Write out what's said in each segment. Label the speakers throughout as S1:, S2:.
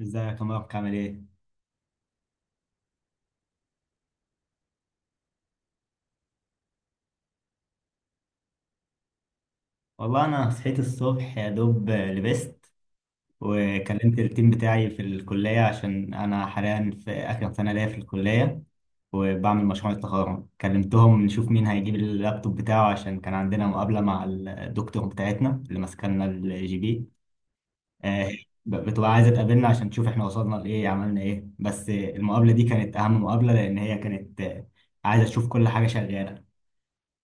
S1: ازيك يا مبارك عامل ايه؟ والله انا صحيت الصبح يا دوب لبست، وكلمت التيم بتاعي في الكلية عشان انا حاليا في اخر سنة ليا في الكلية وبعمل مشروع التخرج. كلمتهم نشوف مين هيجيب اللابتوب بتاعه، عشان كان عندنا مقابلة مع الدكتور بتاعتنا اللي ماسكلنا الجي بي. آه، بتبقى عايزة تقابلنا عشان تشوف احنا وصلنا لايه، عملنا ايه. بس المقابلة دي كانت اهم مقابلة، لان هي كانت عايزة تشوف كل حاجة شغالة.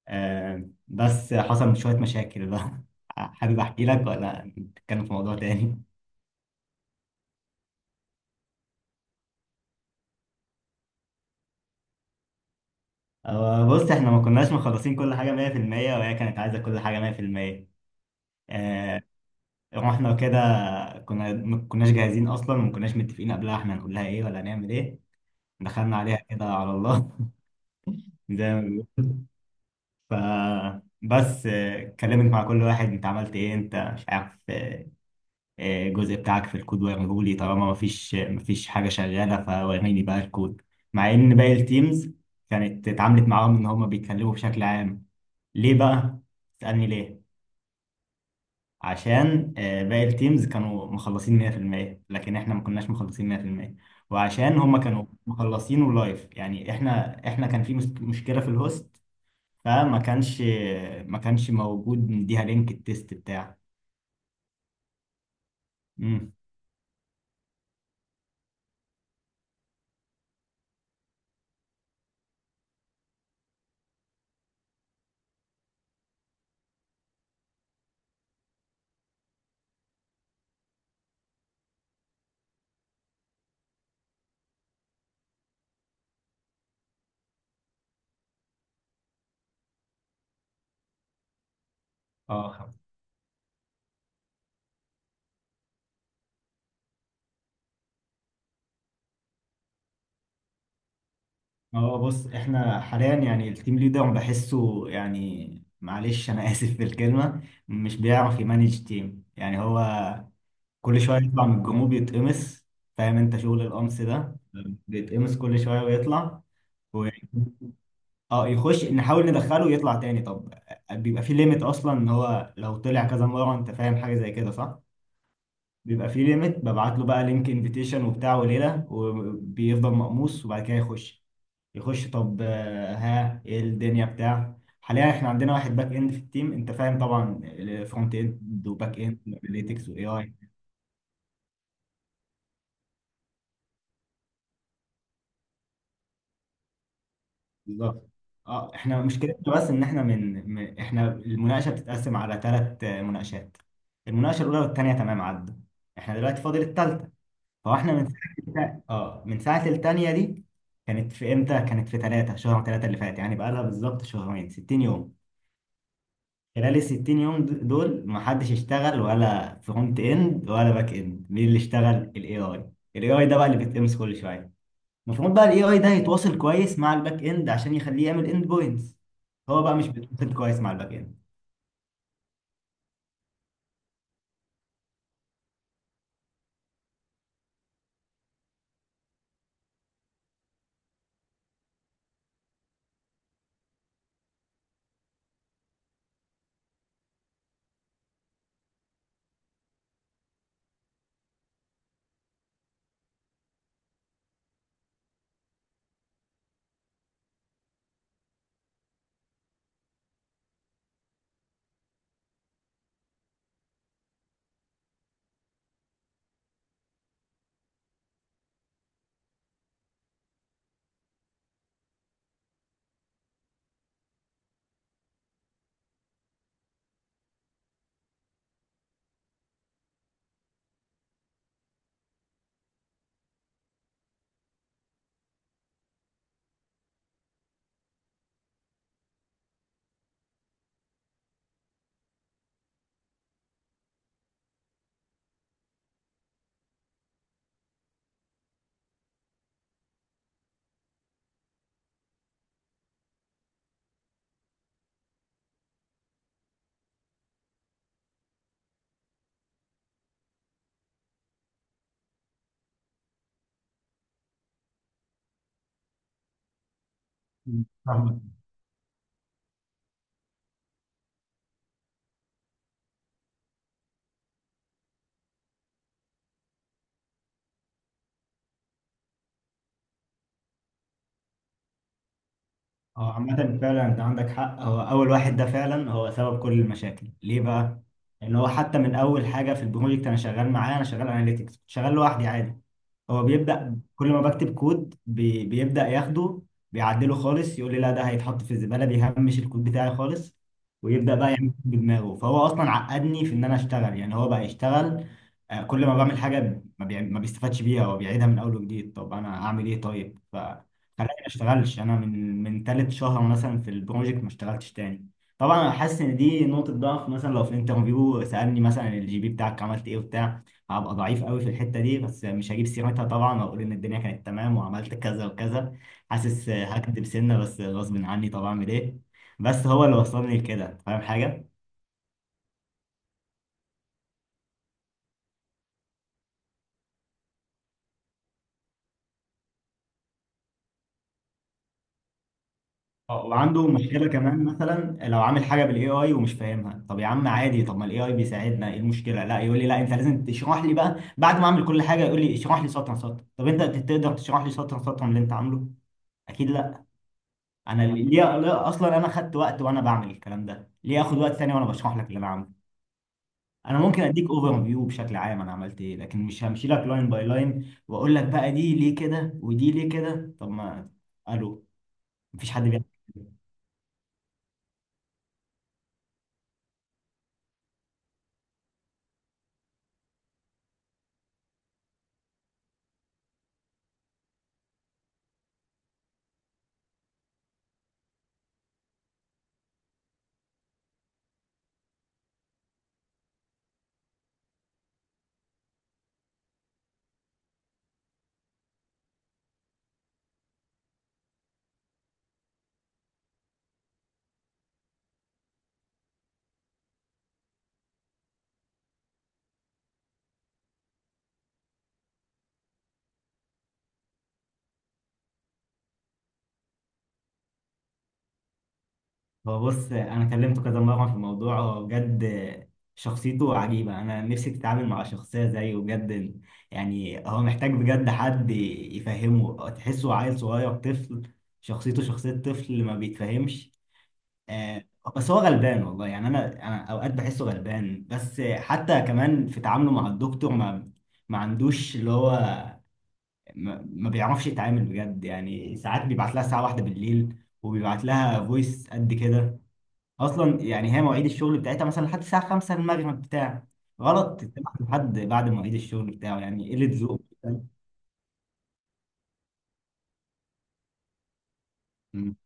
S1: بس حصل شوية مشاكل بقى. حابب أحكي لك ولا نتكلم في موضوع تاني؟ بص، إحنا ما كناش مخلصين كل حاجة 100%، وهي كانت عايزة كل حاجة 100%. آه، رحنا كده، كنا ما كناش جاهزين أصلا، وما كناش متفقين قبلها إحنا هنقول لها إيه ولا هنعمل إيه. دخلنا عليها كده على الله. زي ما بيقولوا. فبس اتكلمت مع كل واحد، أنت عملت إيه؟ أنت مش عارف الجزء بتاعك في الكود؟ وريهولي. طالما مفيش حاجة شغالة فوريني بقى الكود، مع إن باقي التيمز كانت اتعاملت معاهم إن هما بيتكلموا بشكل عام. ليه بقى؟ تسألني ليه؟ عشان باقي التيمز كانوا مخلصين 100%، لكن إحنا ما كناش مخلصين 100%، وعشان هما كانوا مخلصينه لايف. يعني إحنا كان في مشكلة في الهوست، فما كانش، ما كانش موجود نديها لينك التيست بتاعه. امم. اه اه. بص، احنا حاليا يعني التيم ليدر بحسه، يعني معلش انا اسف في الكلمه، مش بيعرف يمانج تيم. يعني هو كل شويه يطلع من الجروب يتقمص، فاهم انت شغل القمص ده؟ بيتقمص كل شويه ويطلع و... اه، يخش نحاول ندخله ويطلع تاني. طب بيبقى في ليميت اصلا ان هو لو طلع كذا مره، انت فاهم حاجه زي كده صح؟ بيبقى فيه ليميت، ببعت له بقى لينك انفيتيشن وبتاع وليله، وبيفضل مقموص وبعد كده يخش يخش. طب ها، ايه الدنيا بتاع؟ حاليا احنا عندنا واحد باك اند في التيم، انت فاهم طبعا فرونت اند وباك اند اناليتكس واي اي. بالظبط. اه احنا مشكلتنا بس ان احنا من, من احنا المناقشه بتتقسم على ثلاث مناقشات. المناقشه الاولى والثانيه تمام عدوا، احنا دلوقتي فاضل الثالثه. هو احنا من ساعة، من ساعة التانية دي. كانت في امتى؟ كانت في تلاتة شهر تلاتة اللي فات، يعني بقالها بالظبط شهرين، 60 يوم. خلال ال 60 يوم دول ما حدش اشتغل، ولا فرونت اند ولا باك اند. مين اللي اشتغل؟ الاي اي. الاي اي ده بقى اللي بيتقمص كل شوية. المفروض بقى الاي اي ده يتواصل كويس مع الباك اند عشان يخليه يعمل اند بوينتس. هو بقى مش بيتواصل كويس مع الباك اند. هو عامة فعلا انت عندك حق، هو اول واحد ده فعلا هو سبب كل المشاكل. ليه بقى؟ لان هو حتى من اول حاجة في البروجكت انا شغال معاه، انا شغال اناليتكس، كنت شغال لوحدي عادي. هو بيبدأ كل ما بكتب كود بيبدأ ياخده، بيعدله خالص، يقول لي لا ده هيتحط في الزبالة، بيهمش الكود بتاعي خالص ويبدأ بقى يعمل كود بدماغه. فهو اصلا عقدني في ان انا اشتغل. يعني هو بقى يشتغل، كل ما بعمل حاجة ما بيستفادش بيها، هو بيعيدها من اول وجديد. طب انا اعمل ايه طيب؟ خلاني ما اشتغلش انا من تالت شهر مثلا في البروجكت، ما اشتغلتش تاني. طبعا انا حاسس ان دي نقطه ضعف، مثلا لو في انترفيو سالني مثلا الجي بي بتاعك عملت ايه وبتاع، هبقى ضعيف قوي في الحته دي. بس مش هجيب سيرتها طبعا، واقول ان الدنيا كانت تمام وعملت كذا وكذا. حاسس هكدب سنه، بس غصب عني طبعا، اعمل ايه؟ بس هو اللي وصلني لكده، فاهم حاجه. اه، وعنده مشكله كمان، مثلا لو عامل حاجه بالاي اي ومش فاهمها، طب يا عم عادي، طب ما الاي اي بيساعدنا، ايه المشكله؟ لا، يقول لي لا انت لازم تشرح لي بقى، بعد ما اعمل كل حاجه يقول لي اشرح لي سطر سطر. طب انت تقدر تشرح لي سطر سطر من اللي انت عامله؟ اكيد لا. انا ليه؟ ليه اصلا انا خدت وقت وانا بعمل الكلام ده، ليه اخد وقت ثاني وانا بشرح لك اللي انا عامله؟ انا ممكن اديك اوفر فيو بشكل عام انا عملت ايه، لكن مش همشي لك لاين باي لاين واقول لك بقى دي ليه كده ودي ليه كده. طب ما الو، مفيش حد بيعمل كده. هو بص، انا كلمته كذا مره في الموضوع، هو بجد شخصيته عجيبه، انا نفسي تتعامل مع شخصيه زيه بجد. يعني هو محتاج بجد حد يفهمه، تحسه عيل صغير طفل، شخصيته شخصيه طفل ما بيتفهمش. آه، بس هو غلبان والله، يعني انا اوقات بحسه غلبان. بس حتى كمان في تعامله مع الدكتور ما عندوش اللي هو، ما بيعرفش يتعامل بجد، يعني ساعات بيبعت لها الساعه واحدة بالليل، وبيبعت لها فويس قد كده اصلا. يعني هي مواعيد الشغل بتاعتها مثلا لحد الساعه 5 المغرب بتاع، غلط تتابع لحد بعد مواعيد الشغل بتاعه، يعني قله ذوق. أمم.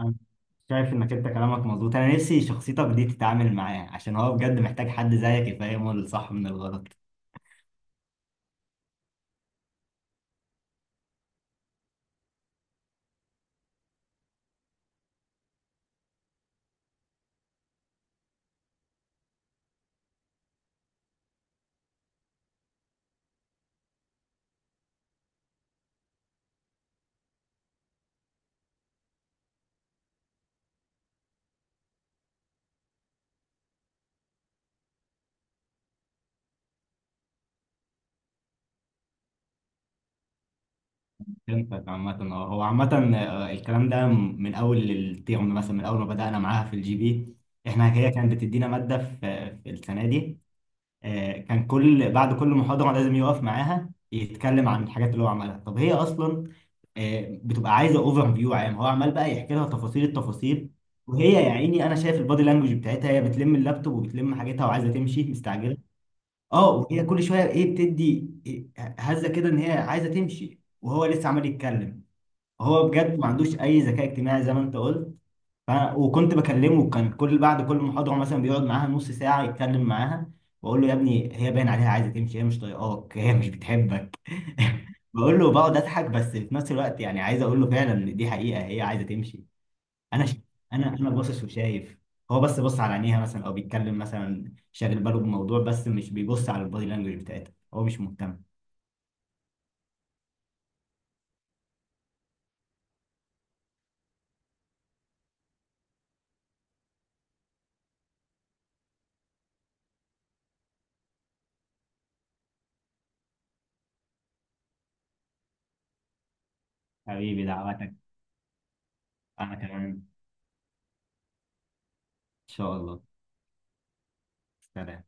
S1: أنا شايف انك انت كلامك مظبوط، انا نفسي شخصيتك دي تتعامل معاه، عشان هو بجد محتاج حد زيك يفهمه الصح من الغلط. فهمتك. عامة هو عامة الكلام ده من اول الترم، مثلا من اول ما بدأنا معاها في الجي بي. احنا هي كانت بتدينا مادة في السنة دي. كان بعد كل محاضرة لازم يقف معاها يتكلم عن الحاجات اللي هو عملها. طب هي أصلا بتبقى عايزة اوفر فيو عام، هو عمال بقى يحكي لها تفاصيل التفاصيل. وهي يا عيني أنا شايف البادي لانجوج بتاعتها، هي بتلم اللابتوب وبتلم حاجتها وعايزة تمشي مستعجلة. اه، وهي كل شوية ايه بتدي إيه هزة كده إن هي عايزة تمشي، وهو لسه عمال يتكلم. هو بجد ما عندوش أي ذكاء اجتماعي زي ما أنت قلت. فأنا وكنت بكلمه، كان بعد كل محاضرة مثلا بيقعد معاها نص ساعة يتكلم معاها، وأقول له يا ابني هي باين عليها عايزة تمشي، هي مش طايقاك، هي مش بتحبك. بقول له بقعد أضحك، بس في نفس الوقت يعني عايز أقول له فعلا إن دي حقيقة هي عايزة تمشي. أنا ش... أنا أنا باصص وشايف، هو بس بص على عينيها مثلا، أو بيتكلم مثلا شاغل باله بموضوع بس مش بيبص على البادي لانجوج بتاعتها، هو مش مهتم. حبيبي دعواتك. أنا كمان إن شاء الله. سلام.